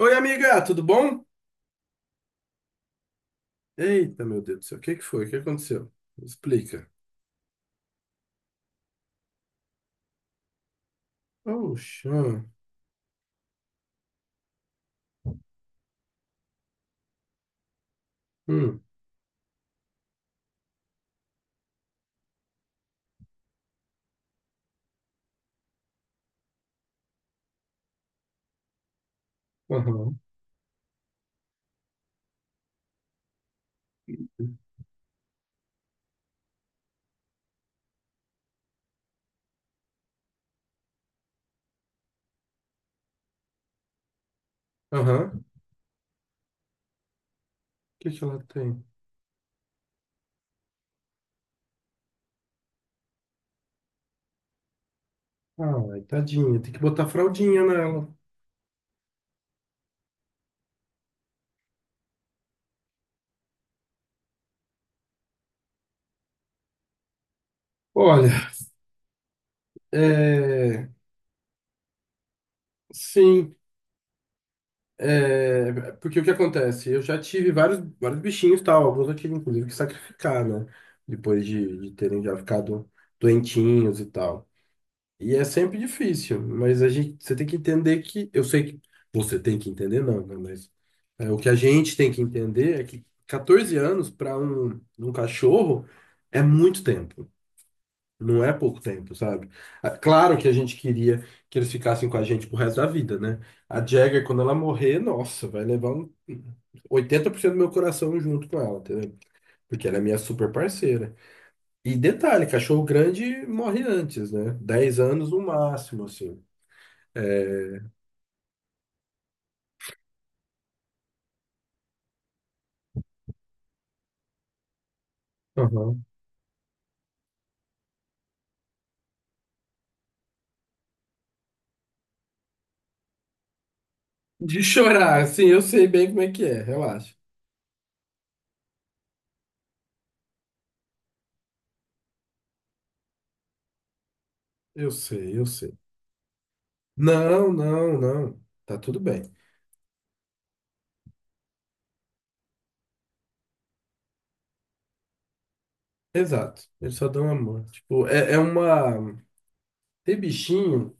Oi, amiga, tudo bom? Eita, meu Deus do céu, o que que foi? O que aconteceu? Explica. Oxa. Hum, aham, aham. O que que ela tem? Ai, tadinha, tem que botar fraldinha nela. Olha, é... Sim, é... Porque o que acontece? Eu já tive vários, vários bichinhos, tal, alguns eu tive, inclusive, que sacrificar, né? Depois de terem já ficado doentinhos e tal. E é sempre difícil, mas a gente, você tem que entender que, eu sei que você tem que entender, não, né? Mas é, o que a gente tem que entender é que 14 anos para um cachorro é muito tempo, não é pouco tempo, sabe? Ah, claro que a gente queria que eles ficassem com a gente pro resto da vida, né? A Jagger, quando ela morrer, nossa, vai levar um 80% do meu coração junto com ela, entendeu? Porque ela é minha super parceira. E detalhe, cachorro grande morre antes, né? 10 anos no máximo, assim. É. Aham. De chorar, assim, eu sei bem como é que é, relaxa. Eu sei, eu sei. Não, não, não. Tá tudo bem. Exato. Eles só dão amor. Tipo, é, é uma. Ter bichinho.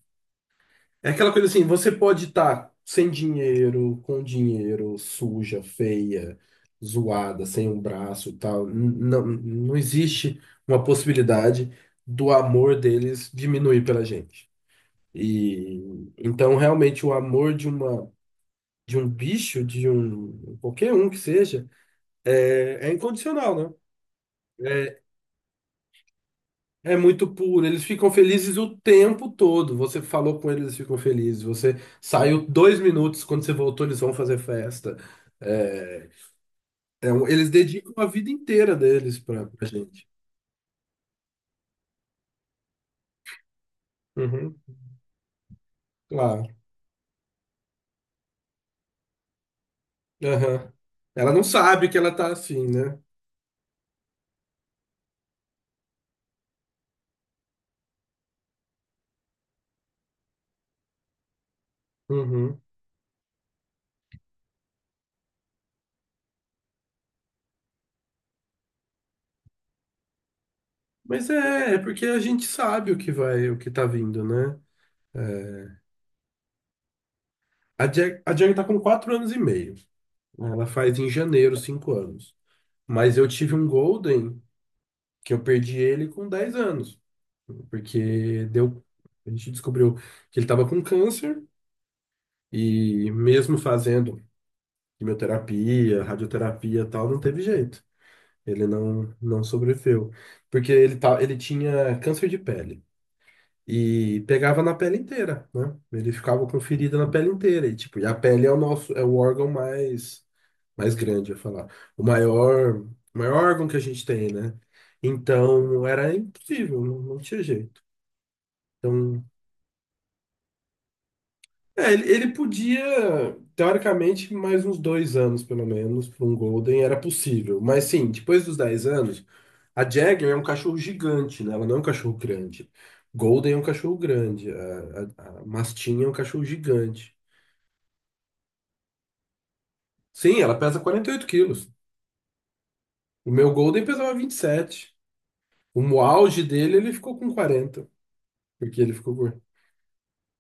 É aquela coisa assim, você pode estar sem dinheiro, com dinheiro, suja, feia, zoada, sem um braço e tal. Não, não existe uma possibilidade do amor deles diminuir pela gente. E então realmente o amor de um bicho, de um qualquer um que seja, é incondicional, né? É é muito puro, eles ficam felizes o tempo todo. Você falou com eles, eles ficam felizes. Você saiu 2 minutos, quando você voltou, eles vão fazer festa. É, eles dedicam a vida inteira deles pra gente. Uhum, claro. Aham. Ela não sabe que ela tá assim, né? Uhum. Mas é porque a gente sabe o que vai, o que tá vindo, né? É. A Jag tá com 4 anos e meio. Ela faz em janeiro 5 anos. Mas eu tive um Golden que eu perdi ele com 10 anos, porque deu, a gente descobriu que ele estava com câncer e mesmo fazendo quimioterapia, radioterapia, e tal, não teve jeito. Ele não sobreviveu, porque ele tinha câncer de pele. E pegava na pele inteira, né? Ele ficava com ferida na pele inteira. E, tipo, e a pele é o nosso, é o órgão mais grande, eu ia falar. O maior órgão que a gente tem, né? Então, era impossível, não, não tinha jeito. Então, é, ele podia, teoricamente, mais uns 2 anos, pelo menos, para um Golden era possível. Mas sim, depois dos 10 anos, a Jagger é um cachorro gigante, né? Ela não é um cachorro grande. Golden é um cachorro grande. A Mastim é um cachorro gigante. Sim, ela pesa 48 quilos. O meu Golden pesava 27. O auge dele, ele ficou com 40. Porque ele ficou com...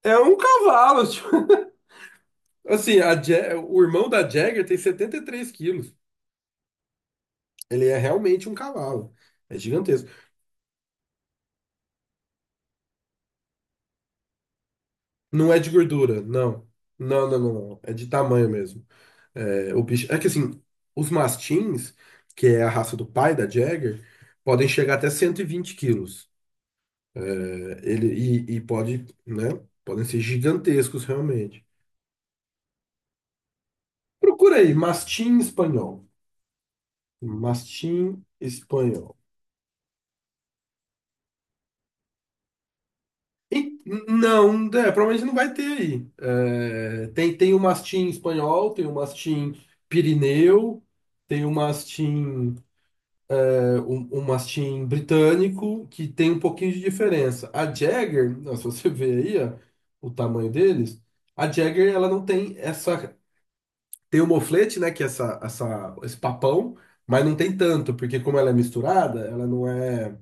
É um cavalo, tipo. Assim, o irmão da Jagger tem 73 quilos. Ele é realmente um cavalo. É gigantesco. Não é de gordura, não. Não, não, não, não. É de tamanho mesmo. É, o bicho... é que assim, os mastins, que é a raça do pai da Jagger, podem chegar até 120 quilos. É, ele, e pode, né? Podem ser gigantescos realmente. Procura aí, mastim espanhol. Mastim espanhol. E- Não, é, provavelmente não vai ter aí. É, tem o mastim espanhol, tem o mastim pirineu, tem o mastim, é, um mastim britânico, que tem um pouquinho de diferença. A Jagger, não, se você ver aí, ó, o tamanho deles, a Jagger ela não tem essa. Tem o moflete, né, que é essa, esse papão, mas não tem tanto, porque como ela é misturada,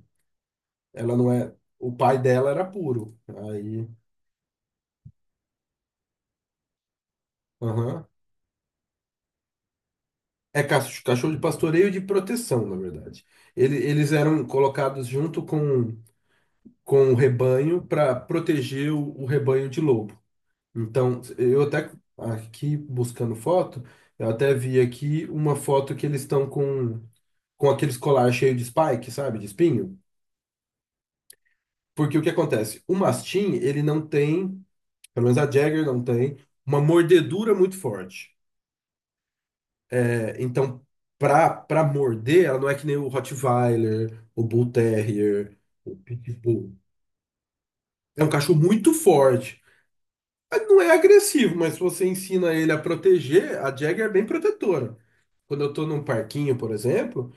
ela não é. O pai dela era puro. Aí, aham. É cachorro de pastoreio e de proteção, na verdade. Eles eram colocados junto com o rebanho para proteger o rebanho de lobo. Então, eu até aqui buscando foto, eu até vi aqui uma foto que eles estão com aqueles colar cheio de spike, sabe, de espinho. Porque o que acontece? O mastim, ele não tem, pelo menos a Jagger não tem, uma mordedura muito forte. Então, pra morder, ela não é que nem o Rottweiler, o Bull Terrier, o Pitbull. É um cachorro muito forte. Mas não é agressivo, mas se você ensina ele a proteger, a Jagger é bem protetora. Quando eu tô num parquinho, por exemplo,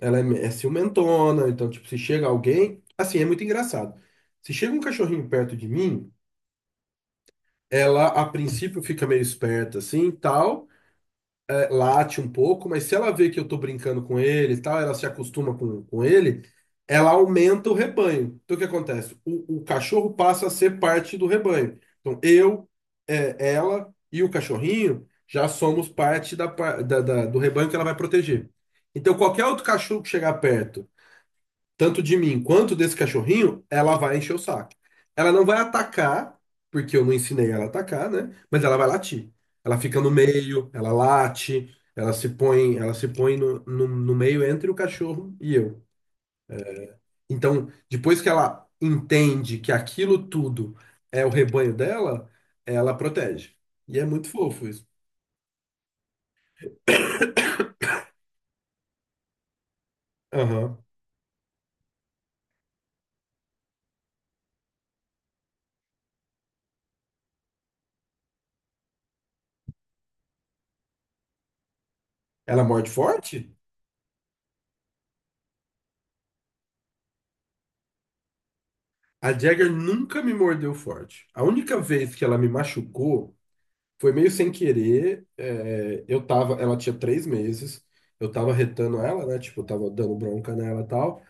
ela é ciumentona, então, tipo, se chega alguém. Assim, é muito engraçado. Se chega um cachorrinho perto de mim, ela a princípio fica meio esperta assim tal. É, late um pouco, mas se ela vê que eu tô brincando com ele e tal, ela se acostuma com ele, ela aumenta o rebanho. Então o que acontece? O cachorro passa a ser parte do rebanho. Então eu, é, ela e o cachorrinho já somos parte da, par- da- da- do rebanho que ela vai proteger. Então qualquer outro cachorro que chegar perto tanto de mim quanto desse cachorrinho, ela vai encher o saco. Ela não vai atacar, porque eu não ensinei ela a atacar, né? Mas ela vai latir. Ela fica no meio, ela late, ela se põe no meio entre o cachorro e eu. Então, depois que ela entende que aquilo tudo é o rebanho dela, ela protege. E é muito fofo isso. Aham. Ela morde forte? A Jagger nunca me mordeu forte. A única vez que ela me machucou foi meio sem querer. É, ela tinha 3 meses, eu tava retando ela, né? Tipo, eu tava dando bronca nela e tal,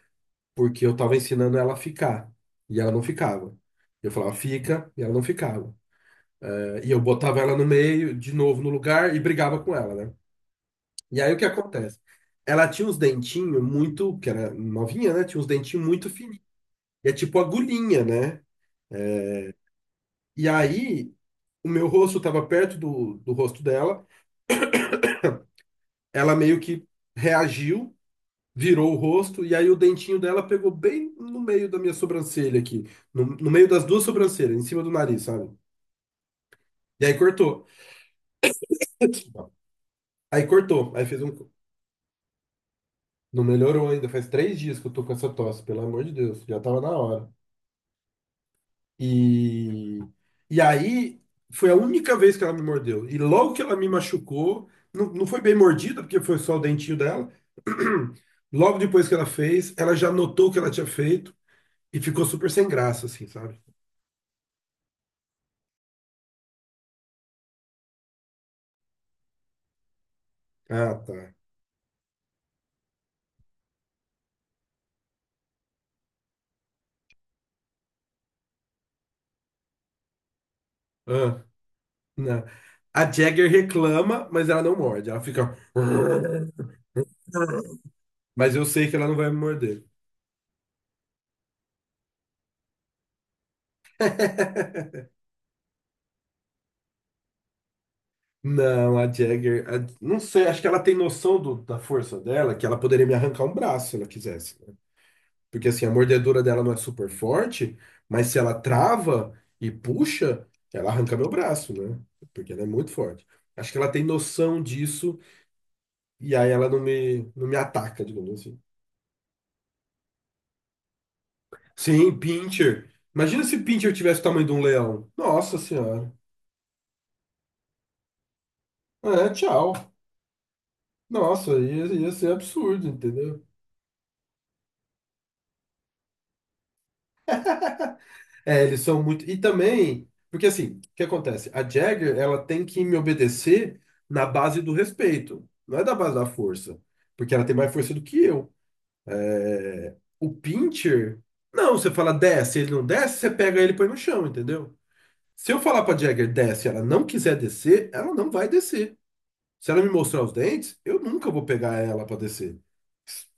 porque eu tava ensinando ela a ficar. E ela não ficava. Eu falava, fica, e ela não ficava. É, e eu botava ela no meio, de novo no lugar, e brigava com ela, né? E aí o que acontece? Ela tinha uns dentinhos muito, que era novinha, né? Tinha uns dentinhos muito fininhos. E é tipo agulhinha, né? E aí o meu rosto tava perto do rosto dela, ela meio que reagiu, virou o rosto e aí o dentinho dela pegou bem no meio da minha sobrancelha aqui, no meio das duas sobrancelhas, em cima do nariz, sabe? E aí cortou. Aí cortou, aí fez um. Não melhorou ainda, faz 3 dias que eu tô com essa tosse, pelo amor de Deus, já tava na hora. E, e aí foi a única vez que ela me mordeu. E logo que ela me machucou, não, não foi bem mordida, porque foi só o dentinho dela. Logo depois que ela fez, ela já notou o que ela tinha feito e ficou super sem graça, assim, sabe? Ah, tá. Ah, não. A Jagger reclama, mas ela não morde. Ela fica. Mas eu sei que ela não vai me morder. Não, a Jagger. Não sei, acho que ela tem noção da força dela, que ela poderia me arrancar um braço se ela quisesse, né? Porque assim, a mordedura dela não é super forte, mas se ela trava e puxa, ela arranca meu braço, né? Porque ela é muito forte. Acho que ela tem noção disso e aí ela não me ataca, digamos assim. Sim, pincher. Imagina se pincher tivesse o tamanho de um leão. Nossa senhora. É, tchau. Nossa, ia ser absurdo, entendeu? É, eles são muito. E também, porque assim, o que acontece? A Jagger, ela tem que me obedecer na base do respeito, não é da base da força, porque ela tem mais força do que eu. O pincher, não, você fala desce, ele não desce, você pega ele e põe no chão, entendeu? Se eu falar pra Jagger desce, e ela não quiser descer, ela não vai descer. Se ela me mostrar os dentes, eu nunca vou pegar ela para descer,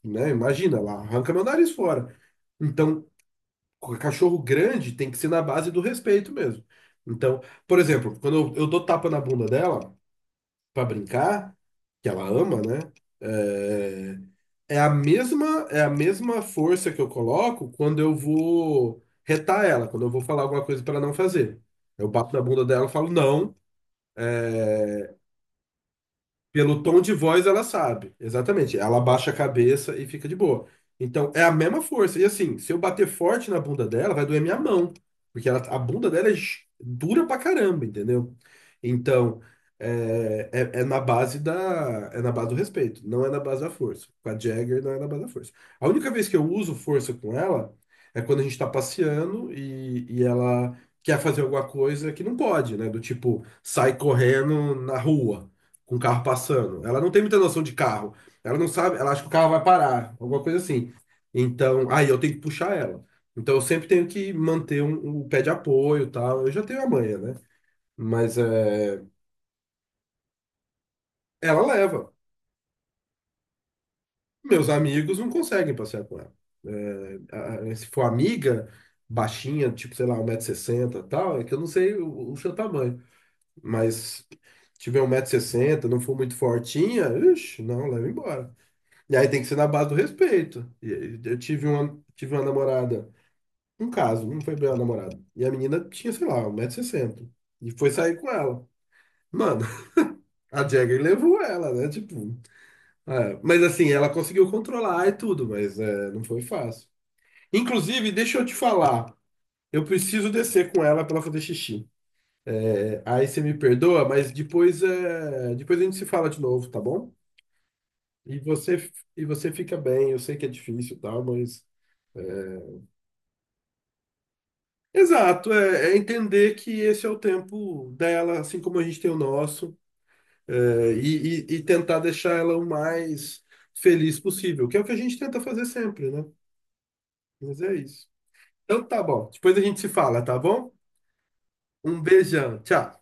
né? Imagina, ela arranca meu nariz fora. Então, cachorro grande tem que ser na base do respeito mesmo. Então, por exemplo, quando eu dou tapa na bunda dela para brincar, que ela ama, né? É a mesma força que eu coloco quando eu vou retar ela, quando eu vou falar alguma coisa para ela não fazer. Eu bato na bunda dela e falo não. Pelo tom de voz, ela sabe. Exatamente. Ela abaixa a cabeça e fica de boa. Então, é a mesma força. E assim, se eu bater forte na bunda dela, vai doer minha mão. Porque a bunda dela é dura pra caramba, entendeu? Então, é na base do respeito. Não é na base da força. Com a Jagger, não é na base da força. A única vez que eu uso força com ela é quando a gente tá passeando e ela quer fazer alguma coisa que não pode, né? Do tipo, sai correndo na rua com o carro passando. Ela não tem muita noção de carro. Ela não sabe, ela acha que o carro vai parar, alguma coisa assim. Então, aí eu tenho que puxar ela. Então eu sempre tenho que manter um pé de apoio, e tal. Eu já tenho a manha, né? Mas é, ela leva. Meus amigos não conseguem passear com ela. É, se for amiga baixinha, tipo, sei lá, 1,60 m e tal, é que eu não sei o seu tamanho. Mas tiver um 160 sessenta, não for muito fortinha, ixi, não, leva embora. E aí tem que ser na base do respeito. E aí eu tive tive uma namorada, um caso, não foi bem uma namorada. E a menina tinha, sei lá, um 160 sessenta. E foi sair com ela. Mano, a Jagger levou ela, né? Tipo, é. Mas assim, ela conseguiu controlar e tudo, mas é, não foi fácil. Inclusive, deixa eu te falar. Eu preciso descer com ela pra ela fazer xixi. É, aí você me perdoa, mas depois, é, depois a gente se fala de novo, tá bom? E você fica bem, eu sei que é difícil, e tal, mas exato, é entender que esse é o tempo dela, assim como a gente tem o nosso, é, e tentar deixar ela o mais feliz possível, que é o que a gente tenta fazer sempre, né? Mas é isso. Então tá bom, depois a gente se fala, tá bom? Um beijão, tchau.